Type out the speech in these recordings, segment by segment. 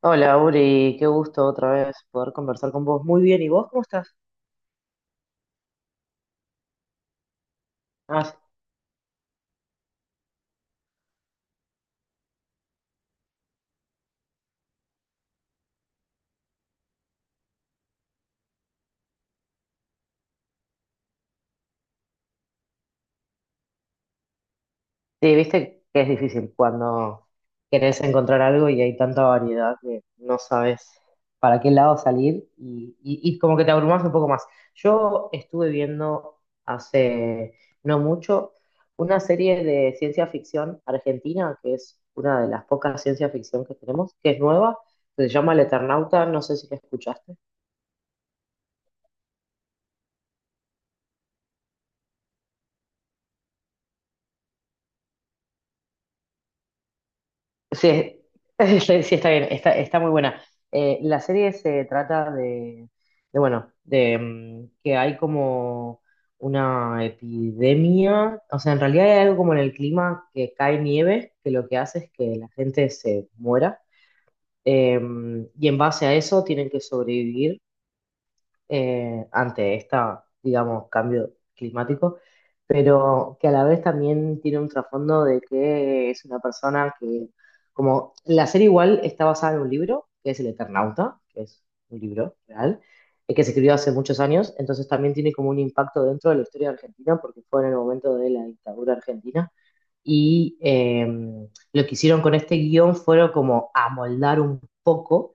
Hola, Uri, qué gusto otra vez poder conversar con vos. Muy bien, ¿y vos cómo estás? Ah, sí, sí, viste que es difícil cuando querés encontrar algo y hay tanta variedad que no sabes para qué lado salir y como que te abrumás un poco más. Yo estuve viendo hace no mucho una serie de ciencia ficción argentina, que es una de las pocas ciencia ficción que tenemos, que es nueva, que se llama El Eternauta, no sé si la escuchaste. Sí, es- sí, está bien, está muy buena. La serie se trata bueno, de que hay como una epidemia, o sea, en realidad hay algo como en el clima que cae nieve, que lo que hace es que la gente se muera. Eh, y en base a eso tienen que sobrevivir ante esta, digamos, cambio climático, pero que a la vez también tiene un trasfondo de que es una persona que, como la serie igual está basada en un libro, que es El Eternauta, que es un libro real, que se escribió hace muchos años. Entonces también tiene como un impacto dentro de la historia argentina, porque fue en el momento de la dictadura argentina. Y eh, lo que hicieron con este guión fueron como amoldar un poco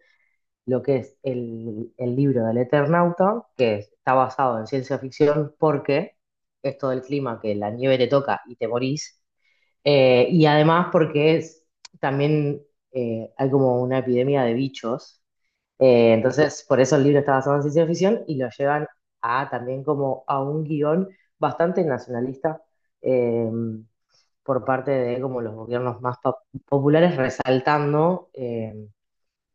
lo que es el libro del Eternauta, que está basado en ciencia ficción porque esto del clima, que la nieve te toca y te morís, y además porque es, también hay como una epidemia de bichos. Entonces por eso el libro está basado en ciencia ficción y lo llevan a también como a un guión bastante nacionalista, eh, por parte de como los gobiernos más populares, resaltando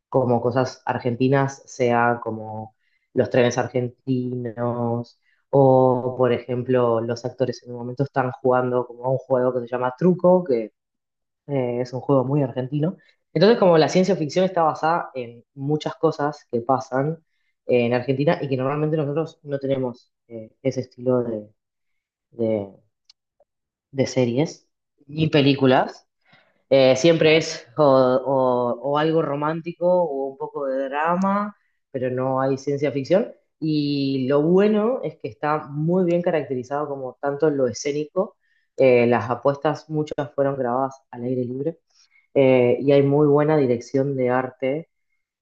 como cosas argentinas, sea como los trenes argentinos, o por ejemplo, los actores en un momento están jugando como a un juego que se llama Truco, que es un juego muy argentino. Entonces, como la ciencia ficción está basada en muchas cosas que pasan en Argentina y que normalmente nosotros no tenemos ese estilo de, de- de series ni películas. Siempre es o algo romántico o un poco de drama, pero no hay ciencia ficción. Y lo bueno es que está muy bien caracterizado como tanto lo escénico, las apuestas muchas fueron grabadas al aire libre, y hay muy buena dirección de arte,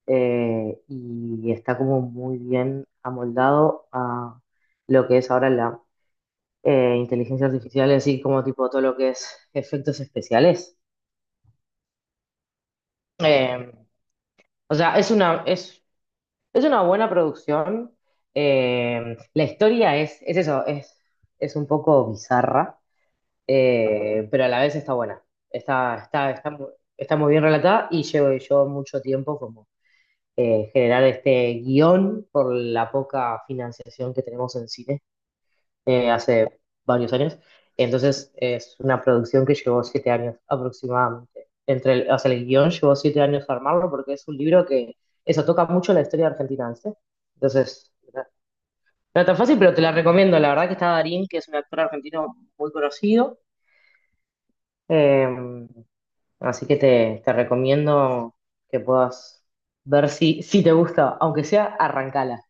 y está como muy bien amoldado a lo que es ahora la inteligencia artificial, así como tipo todo lo que es efectos especiales. Eh, O sea, es una buena producción. La historia es eso, es un poco bizarra, pero a la vez está buena. Está, está, está, mu- Está muy bien relatada y llevo yo mucho tiempo como generar este guión por la poca financiación que tenemos en cine hace varios años. Entonces es una producción que llevó 7 años aproximadamente. O sea, el guión llevó 7 años armarlo porque es un libro que eso toca mucho la historia argentina, ¿sí? Entonces, no es tan fácil, pero te la recomiendo. La verdad que está Darín, que es un actor argentino muy conocido. Eh, Así que te recomiendo que puedas ver si te gusta, aunque sea arrancala.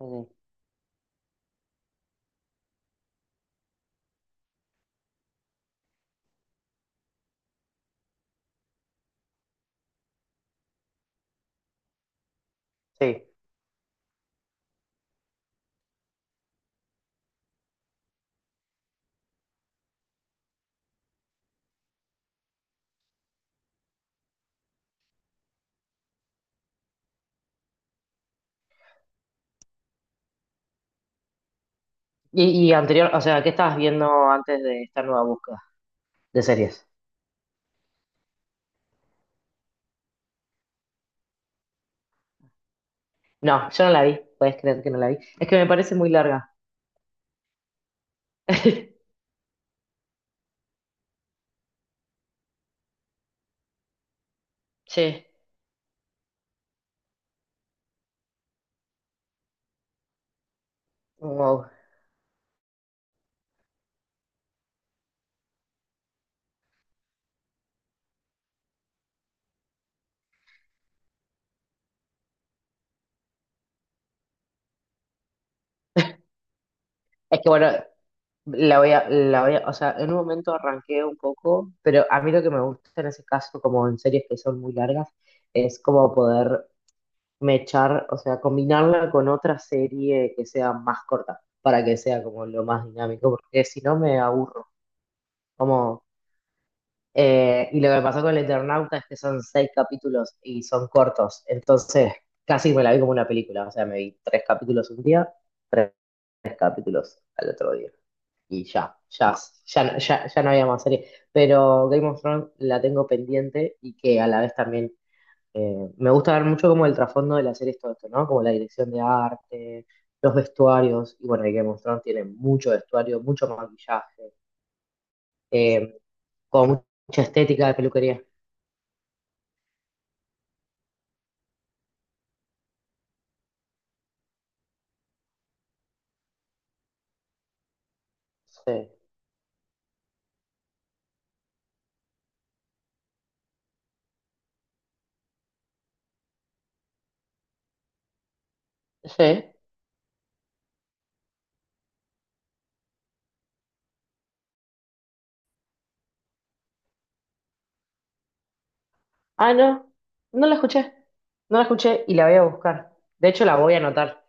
Mm. Sí. Y anterior, o sea, ¿qué estabas viendo antes de esta nueva búsqueda de series? No, yo no la vi, puedes creer que no la vi. Es que me parece muy larga. Sí, wow. Es que bueno, la voy a, o sea, en un momento arranqué un poco, pero a mí lo que me gusta en ese caso, como en series que son muy largas, es como poder mechar, o sea, combinarla con otra serie que sea más corta, para que sea como lo más dinámico, porque si no me aburro. Como. Y lo que pasó con el Eternauta es que son 6 capítulos y son cortos. Entonces, casi me la vi como una película. O sea, me vi 3 capítulos un día, 3 capítulos al otro día. Y ya no había más serie. Pero Game of Thrones la tengo pendiente y que a la vez también me gusta ver mucho como el trasfondo de la serie todo esto, ¿no? Como la dirección de arte, los vestuarios. Y bueno, y Game of Thrones tiene mucho vestuario, mucho maquillaje, eh, con mucha estética de peluquería. Sí. Sí. Ah, no. No la escuché. No la escuché y la voy a buscar. De hecho, la voy a anotar.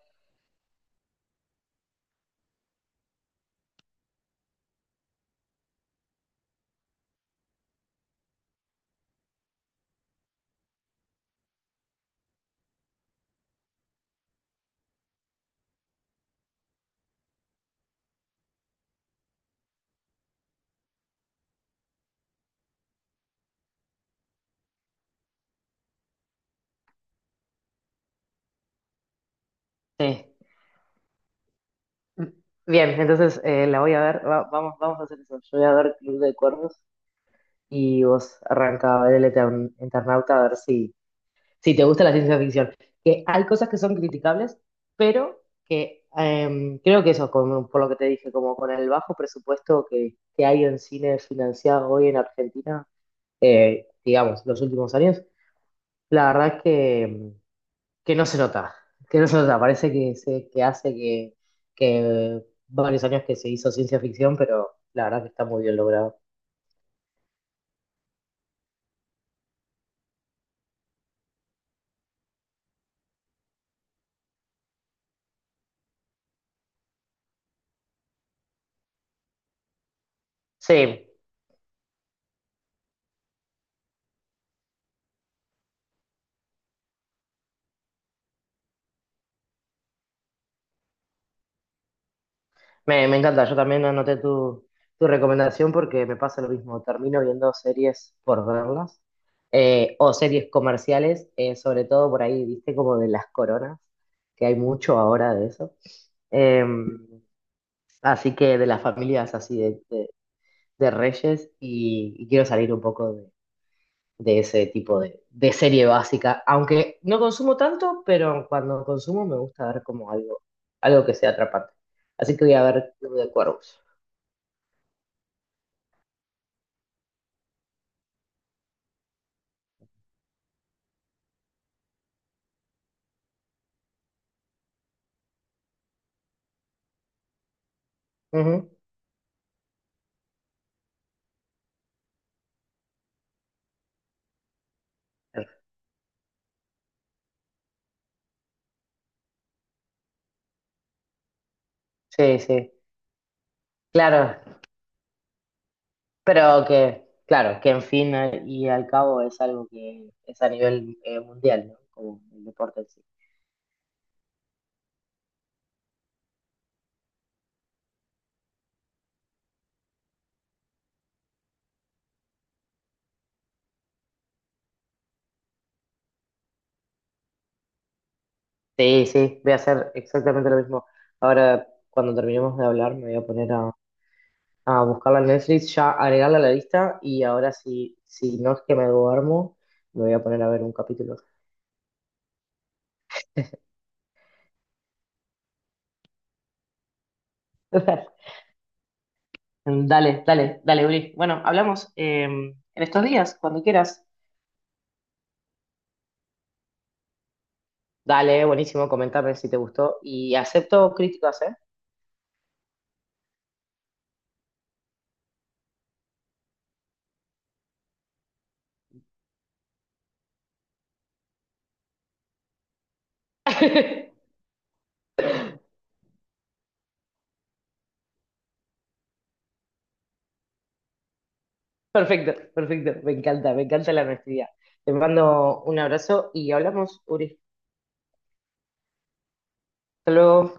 Sí. Bien, entonces la voy a ver. Vamos, vamos a hacer eso. Yo voy a ver Club de Cuervos y vos arranca a ver el Eternauta a ver si te gusta la ciencia ficción. Que hay cosas que son criticables, pero que creo que eso, como, por lo que te dije, como con el bajo presupuesto que hay en cine financiado hoy en Argentina, digamos, los últimos años, la verdad que que no se nota, que no se nota, parece que hace que varios años que se hizo ciencia ficción, pero la verdad que está muy bien logrado. Sí, me encanta, yo también anoté tu recomendación porque me pasa lo mismo, termino viendo series por verlas, o series comerciales, sobre todo por ahí, viste, como de las coronas, que hay mucho ahora de eso. Eh, Así que de las familias así de, de reyes y quiero salir un poco de ese tipo de serie básica, aunque no consumo tanto, pero cuando consumo me gusta ver como algo, algo que sea atrapante. Así que voy a ver Club de Cuervos. Ujú. Sí, sí, claro, pero que, claro, que en fin y al cabo es algo que es a nivel mundial, ¿no? Como el deporte en sí. Sí, sí, voy a hacer exactamente lo mismo. Ahora, cuando terminemos de hablar, me voy a poner a buscarla en Netflix, ya agregarla a la lista y ahora si, si no es que me duermo, me voy a poner a ver un capítulo. Dale, dale, dale, Uri. Bueno, hablamos en estos días, cuando quieras. Dale, buenísimo, comentame si te gustó y acepto críticas, ¿eh? Perfecto, perfecto, me encanta la honestidad. Te mando un abrazo y hablamos, Uri. Hasta luego.